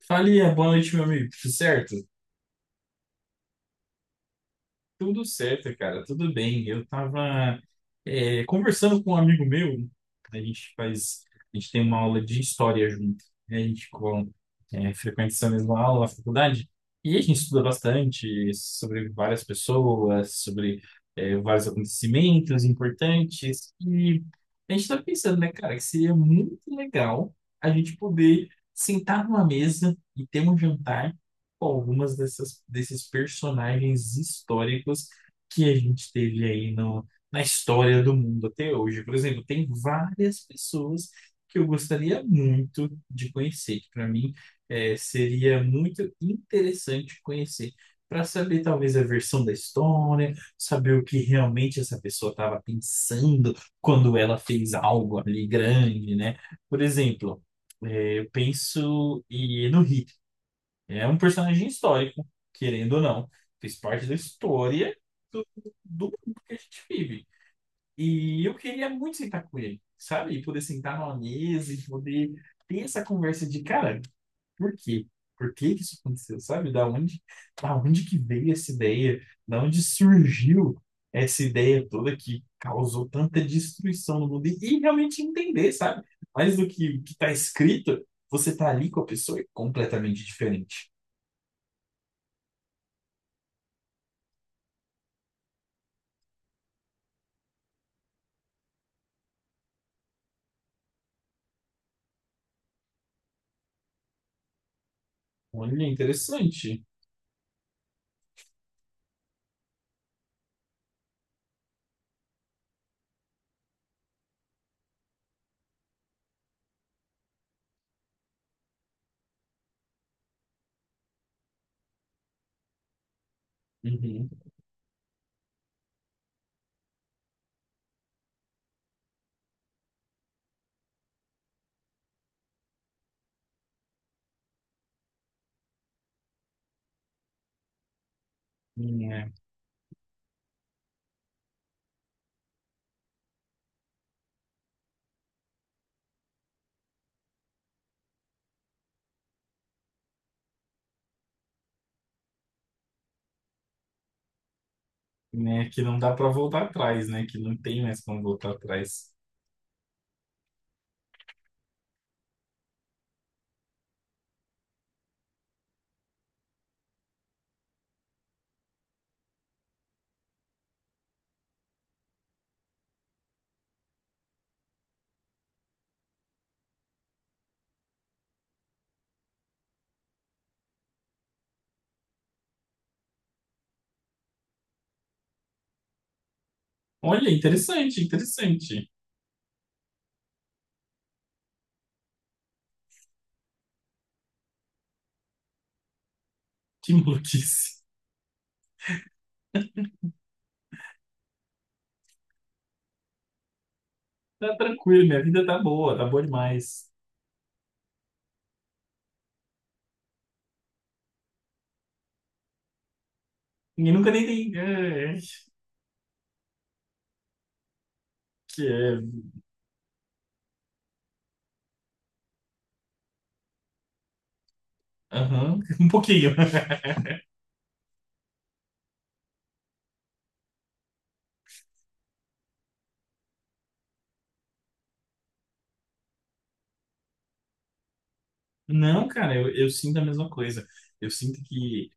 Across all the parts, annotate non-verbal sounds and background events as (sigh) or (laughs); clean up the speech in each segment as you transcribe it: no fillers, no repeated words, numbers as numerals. Falia, boa noite, meu amigo. Tudo certo? Tudo certo, cara. Tudo bem. Eu tava conversando com um amigo meu. A gente faz, a gente tem uma aula de história junto, né? A gente com, é, frequenta essa mesma aula na faculdade. E a gente estuda bastante sobre várias pessoas, sobre vários acontecimentos importantes. E a gente tá pensando, né, cara, que seria muito legal a gente poder sentar numa mesa e ter um jantar com desses personagens históricos que a gente teve aí no, na história do mundo até hoje. Por exemplo, tem várias pessoas que eu gostaria muito de conhecer, que para mim seria muito interessante conhecer, para saber talvez a versão da história, saber o que realmente essa pessoa estava pensando quando ela fez algo ali grande, né? Por exemplo, eu penso no Hitler. É um personagem histórico, querendo ou não. Fez parte da história do, do mundo que a gente vive. E eu queria muito sentar com ele, sabe? E poder sentar numa mesa e poder ter essa conversa de, cara, por quê? Por que que isso aconteceu, sabe? Da onde que veio essa ideia? Da onde surgiu essa ideia toda que causou tanta destruição no mundo? E realmente entender, sabe? Mais do que o que está escrito, você tá ali com a pessoa é completamente diferente. Olha, interessante. Uhum. Né, né, que não dá para voltar atrás, né? Que não tem mais como voltar atrás. Olha, interessante, interessante. Que maluquice. Tá tranquilo, minha vida tá boa demais. Ninguém nunca nem tem. É, é, que é. Aham, (laughs) um pouquinho. Não, cara, eu sinto a mesma coisa. Eu sinto que.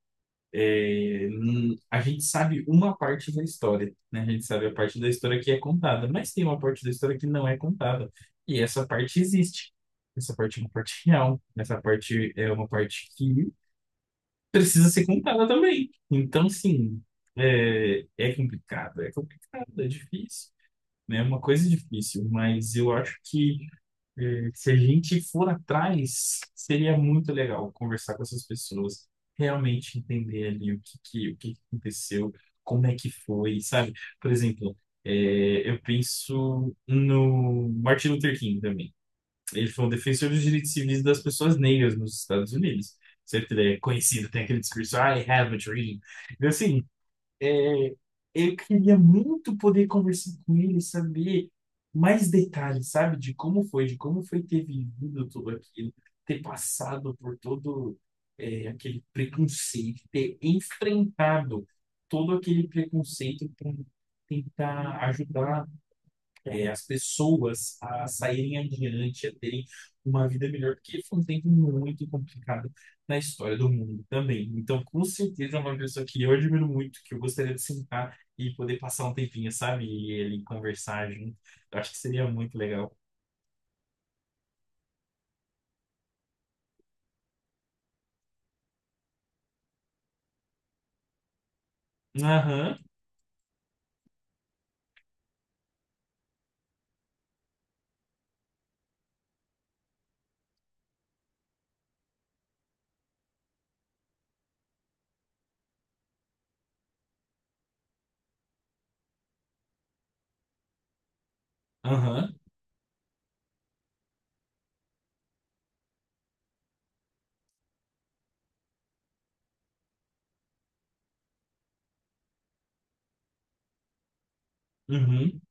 A gente sabe uma parte da história, né? A gente sabe a parte da história que é contada, mas tem uma parte da história que não é contada. E essa parte existe. Essa parte é uma parte real. Essa parte é uma parte que precisa ser contada também. Então, sim, é, é complicado, é difícil, né? É uma coisa difícil, mas eu acho que é, se a gente for atrás, seria muito legal conversar com essas pessoas, realmente entender ali o que que aconteceu, como é que foi, sabe? Por exemplo, eu penso no Martin Luther King também. Ele foi um defensor dos direitos civis das pessoas negras nos Estados Unidos. Sempre ele é conhecido, tem aquele discurso, I have a dream. Então, assim, é, eu queria muito poder conversar com ele, saber mais detalhes, sabe, de como foi ter vivido tudo aquilo, ter passado por todo aquele preconceito, ter enfrentado todo aquele preconceito para tentar ajudar as pessoas a saírem adiante, a terem uma vida melhor, porque foi um tempo muito complicado na história do mundo também. Então, com certeza, é uma pessoa que eu admiro muito, que eu gostaria de sentar e poder passar um tempinho, sabe? E ele conversar junto. Eu acho que seria muito legal. Aham, aham, uhum.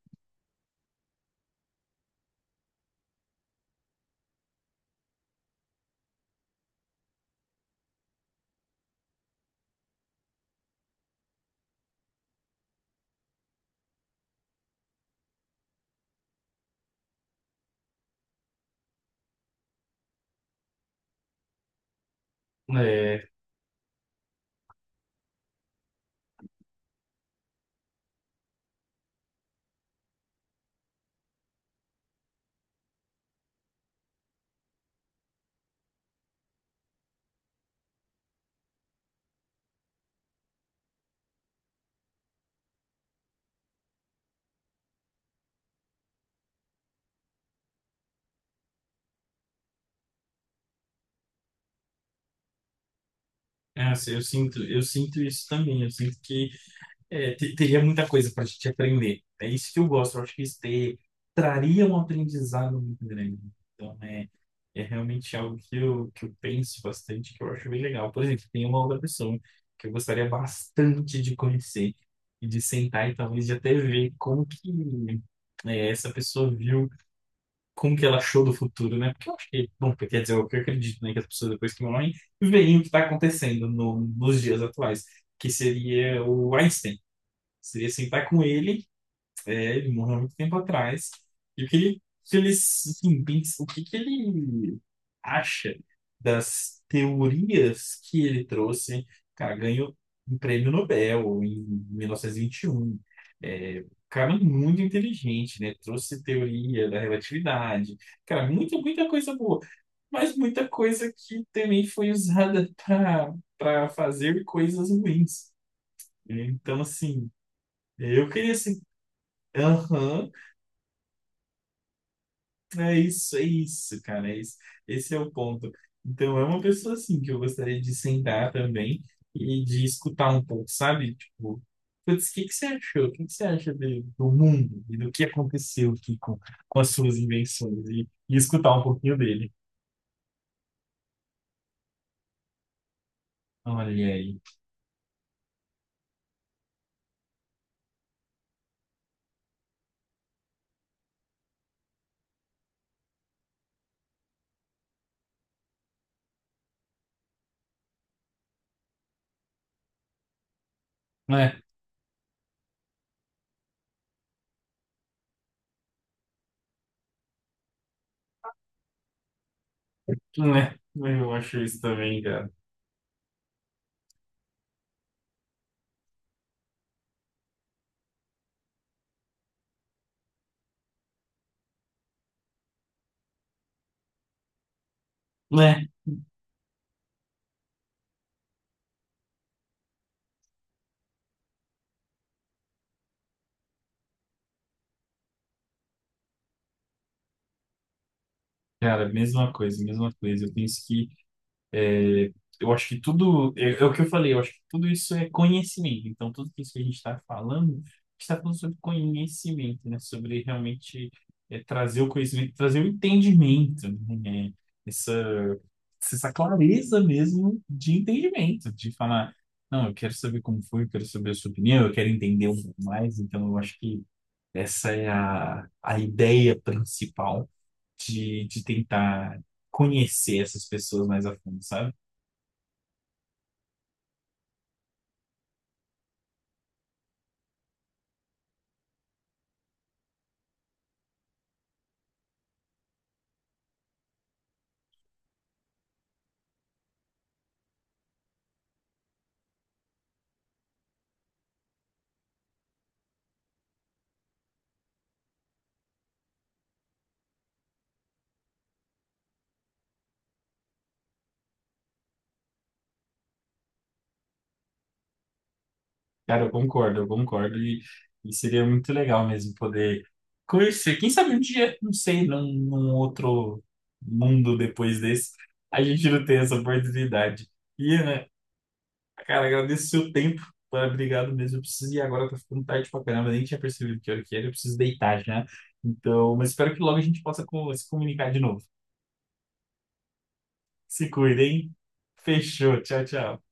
É, é, assim, eu sinto isso também. Eu sinto que é, te- teria muita coisa para a gente aprender. É isso que eu gosto. Eu acho que traria um aprendizado muito grande. Então, é, é realmente algo que que eu penso bastante, que eu acho bem legal. Por exemplo, tem uma outra pessoa que eu gostaria bastante de conhecer e de sentar e talvez de até ver como que essa pessoa viu, como que ela achou do futuro, né? Porque eu acho que, bom, quer dizer, é o que eu acredito, né, que as pessoas depois que morrem veem o que está acontecendo no, nos dias atuais, que seria o Einstein. Seria sentar com ele, é, ele morreu há muito tempo atrás, e o que ele assim, o que que ele acha das teorias que ele trouxe, cara, ganhou um prêmio Nobel em mil novecentos e vinte e um. É, cara é muito inteligente, né, trouxe teoria da relatividade, cara, muita, muita coisa boa, mas muita coisa que também foi usada para fazer coisas ruins, então assim, eu queria assim, aham, é isso, cara, é isso. Esse é o ponto. Então, é uma pessoa assim que eu gostaria de sentar também e de escutar um pouco, sabe? Tipo, putz, o que que você achou? O que que você acha do mundo e do que aconteceu aqui com as suas invenções? E escutar um pouquinho dele. Olha aí. Né, né, eu acho isso também, cara. Né, cara, mesma coisa, mesma coisa. Eu penso que é, eu acho que tudo, é, é o que eu falei, eu acho que tudo isso é conhecimento. Então, tudo isso que a gente está falando, a gente está falando sobre conhecimento, né? Sobre realmente trazer o conhecimento, trazer o entendimento, né? É, Essa, essa clareza mesmo de entendimento, de falar, não, eu quero saber como foi, eu quero saber a sua opinião, eu quero entender um pouco mais. Então, eu acho que essa é a ideia principal de tentar conhecer essas pessoas mais a fundo, sabe? Cara, eu concordo, eu concordo. E seria muito legal mesmo poder conhecer. Quem sabe um dia, não sei, num outro mundo depois desse, a gente não tem essa oportunidade. E, Ana, cara, agradeço o seu tempo. Cara, obrigado mesmo. Eu preciso ir agora, tá ficando tarde pra caramba. Nem tinha percebido que hora que era. Eu preciso deitar já. Então, mas espero que logo a gente possa se comunicar de novo. Se cuidem. Fechou. Tchau, tchau.